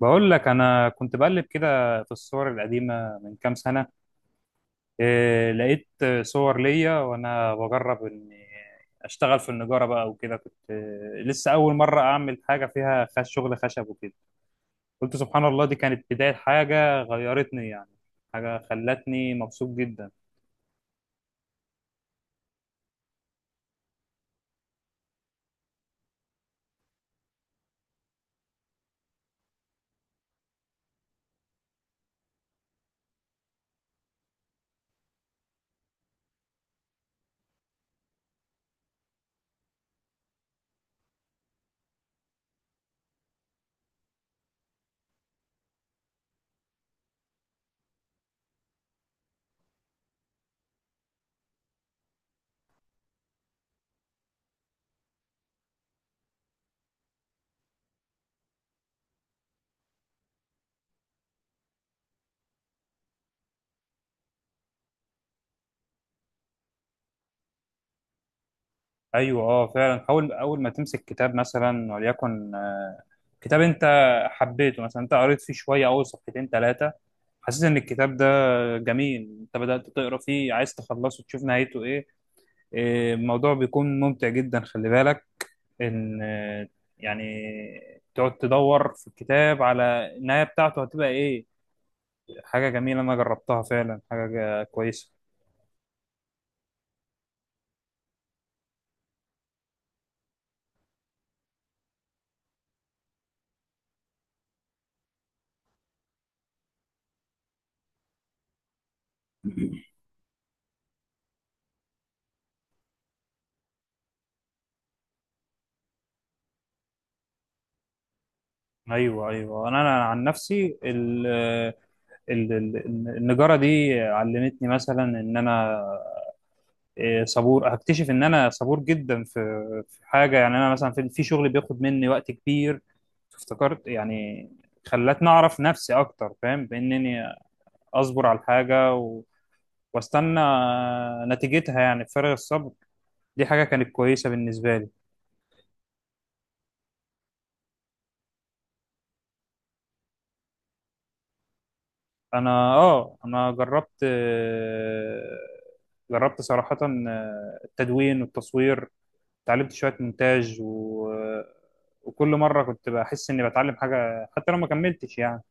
بقول لك انا كنت بقلب كده في الصور القديمه من كام سنه. إيه لقيت؟ صور ليا وانا بجرب اني اشتغل في النجاره بقى وكده، كنت إيه لسه اول مره اعمل حاجه فيها خش شغل خشب وكده. قلت سبحان الله، دي كانت بدايه حاجه غيرتني يعني، حاجه خلتني مبسوط جدا. ايوه اه فعلا، اول ما تمسك كتاب مثلا وليكن كتاب انت حبيته، مثلا انت قريت فيه شويه اول صفحتين ثلاثه، حسيت ان الكتاب ده جميل، انت بدات تقرا فيه عايز تخلصه تشوف نهايته ايه. اه، الموضوع بيكون ممتع جدا، خلي بالك ان يعني تقعد تدور في الكتاب على النهايه بتاعته هتبقى ايه. حاجه جميله انا جربتها فعلا، حاجه كويسه. ايوه ايوه، انا عن نفسي ال- ال- النجاره دي علمتني مثلا ان انا صبور. هكتشف ان انا صبور جدا في حاجه يعني، انا مثلا في شغل بياخد مني وقت كبير افتكرت يعني، خلتني اعرف نفسي اكتر، فاهم بانني اصبر على الحاجه واستنى نتيجتها يعني بفارغ الصبر، دي حاجه كانت كويسه بالنسبه لي. انا اه انا جربت، جربت صراحه التدوين والتصوير، اتعلمت شويه مونتاج وكل مره كنت بحس اني بتعلم حاجه حتى لو ما كملتش يعني.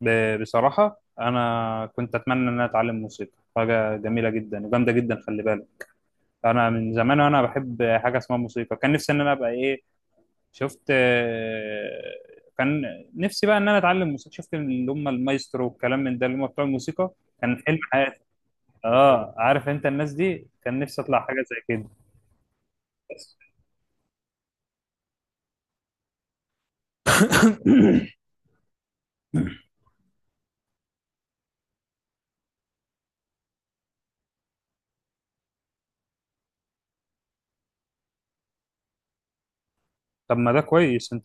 بصراحة أنا كنت أتمنى إن أنا أتعلم موسيقى، حاجة جميلة جدا وجامدة جدا خلي بالك. أنا من زمان وأنا بحب حاجة اسمها موسيقى، كان نفسي إن أنا أبقى إيه شفت كان نفسي بقى إن أنا أتعلم موسيقى، شفت اللي هم المايسترو والكلام من ده، اللي هم بتوع الموسيقى، كان حلم حياتي. آه، عارف أنت الناس دي، كان نفسي أطلع حاجة زي كده. طب ما ده كويس أنت،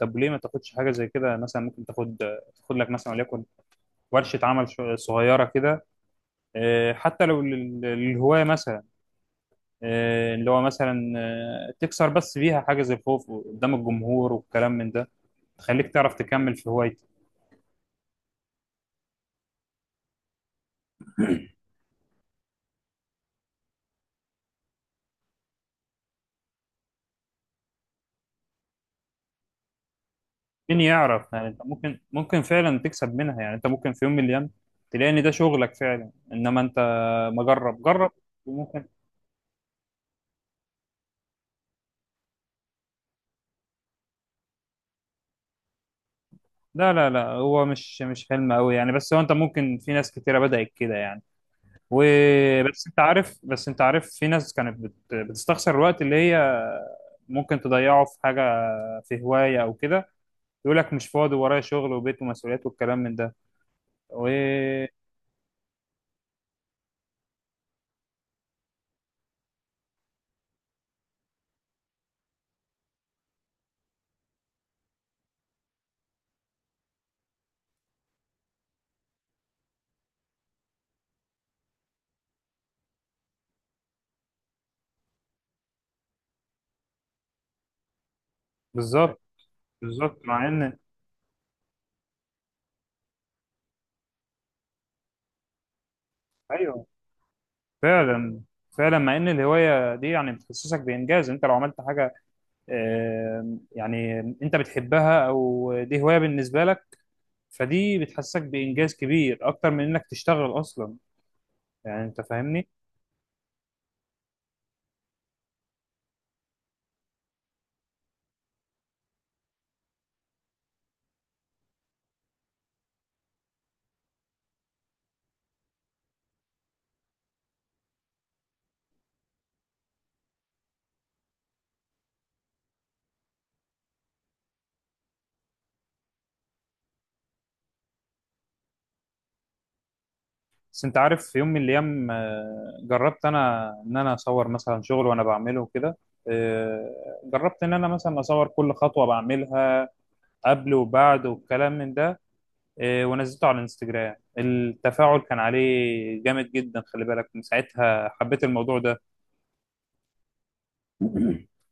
طب ليه ما تاخدش حاجة زي كده؟ مثلا ممكن تاخد لك مثلا وليكن ورشة عمل صغيرة كده، حتى لو للهواية مثلا، اللي هو مثلا تكسر بس بيها حاجز الخوف قدام الجمهور والكلام من ده، تخليك تعرف تكمل في هوايتك. مين يعرف يعني؟ انت ممكن فعلا تكسب منها، يعني انت ممكن في يوم من الايام تلاقي ان ده شغلك فعلا، انما انت ما جرب جرب وممكن. لا لا لا، هو مش حلم قوي يعني، بس هو انت ممكن، في ناس كتيره بدأت كده يعني. وبس انت عارف بس انت عارف في ناس كانت بتستخسر الوقت اللي هي ممكن تضيعه في حاجه، في هواية أو كده، يقول لك مش فاضي ورايا شغل وبيت ومسؤوليات والكلام من ده، وبالظبط. بالظبط مع إن. أيوه فعلا، فعلا مع إن الهواية دي يعني بتحسسك بإنجاز، أنت لو عملت حاجة يعني أنت بتحبها أو دي هواية بالنسبة لك، فدي بتحسسك بإنجاز كبير أكتر من إنك تشتغل أصلا، يعني أنت فاهمني. بس انت عارف في يوم من الايام جربت انا ان انا اصور مثلا شغل وانا بعمله وكده، جربت ان انا مثلا اصور كل خطوه بعملها قبل وبعد والكلام من ده، ونزلته على الانستجرام، التفاعل كان عليه جامد جدا خلي بالك، من ساعتها حبيت الموضوع ده.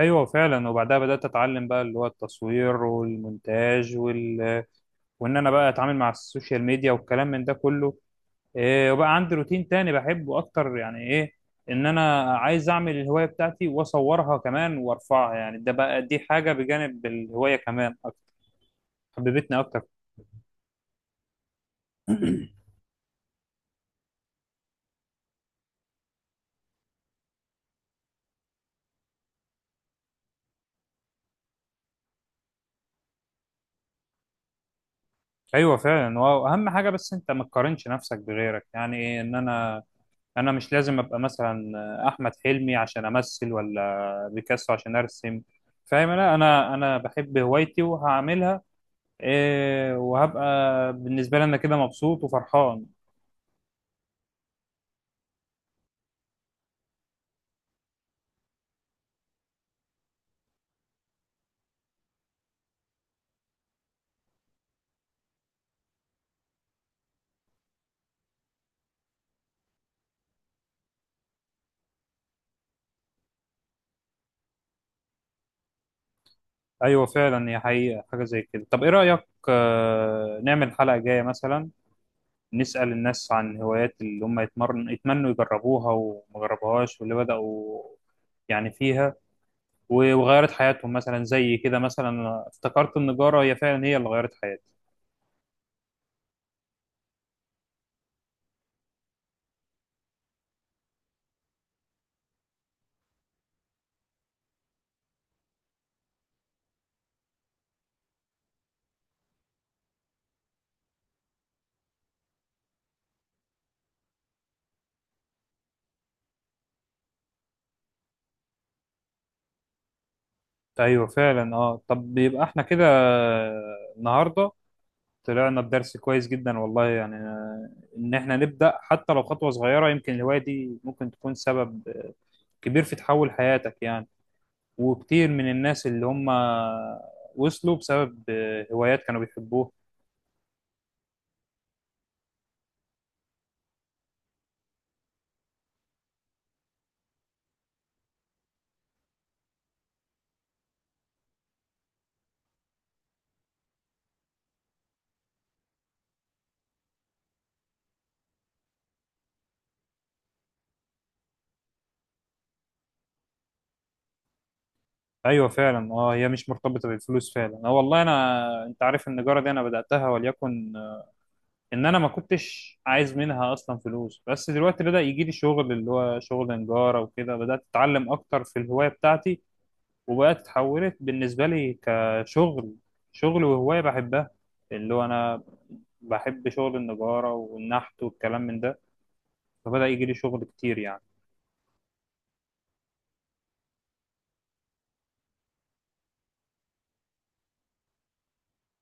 ايوه فعلا، وبعدها بدات اتعلم بقى اللي هو التصوير والمونتاج وان انا بقى اتعامل مع السوشيال ميديا والكلام من ده كله، إيه وبقى عندي روتين تاني بحبه اكتر يعني ايه، ان انا عايز اعمل الهواية بتاعتي واصورها كمان وارفعها، يعني ده بقى دي حاجة بجانب الهواية كمان اكتر، حببتني اكتر. ايوه فعلا، واهم حاجة بس انت ما تقارنش نفسك بغيرك، يعني ايه، ان انا مش لازم ابقى مثلا احمد حلمي عشان امثل، ولا بيكاسو عشان ارسم، فاهم؟ لا انا بحب هوايتي وهعملها، إيه وهبقى بالنسبة لي انا كده مبسوط وفرحان. ايوه فعلا، هي حقيقه حاجه زي كده. طب ايه رايك نعمل حلقه جايه مثلا، نسال الناس عن هوايات اللي هم يتمنوا يجربوها وما جربوهاش، واللي بداوا يعني فيها وغيرت حياتهم مثلا زي كده، مثلا أنا افتكرت النجاره هي فعلا هي اللي غيرت حياتي. ايوه فعلا اه، طب يبقى احنا كده النهارده طلعنا بدرس كويس جدا والله يعني، ان احنا نبدا حتى لو خطوه صغيره، يمكن الهوايه دي ممكن تكون سبب كبير في تحول حياتك يعني، وكتير من الناس اللي هم وصلوا بسبب هوايات كانوا بيحبوها. ايوه فعلا اه، هي مش مرتبطه بالفلوس فعلا اه والله، انا انت عارف النجاره دي انا بداتها وليكن ان انا ما كنتش عايز منها اصلا فلوس، بس دلوقتي بدا يجي لي شغل اللي هو شغل نجاره وكده، بدات اتعلم اكتر في الهوايه بتاعتي، وبقت اتحولت بالنسبه لي كشغل، شغل وهوايه بحبها اللي هو انا بحب شغل النجاره والنحت والكلام من ده، فبدا يجي لي شغل كتير يعني.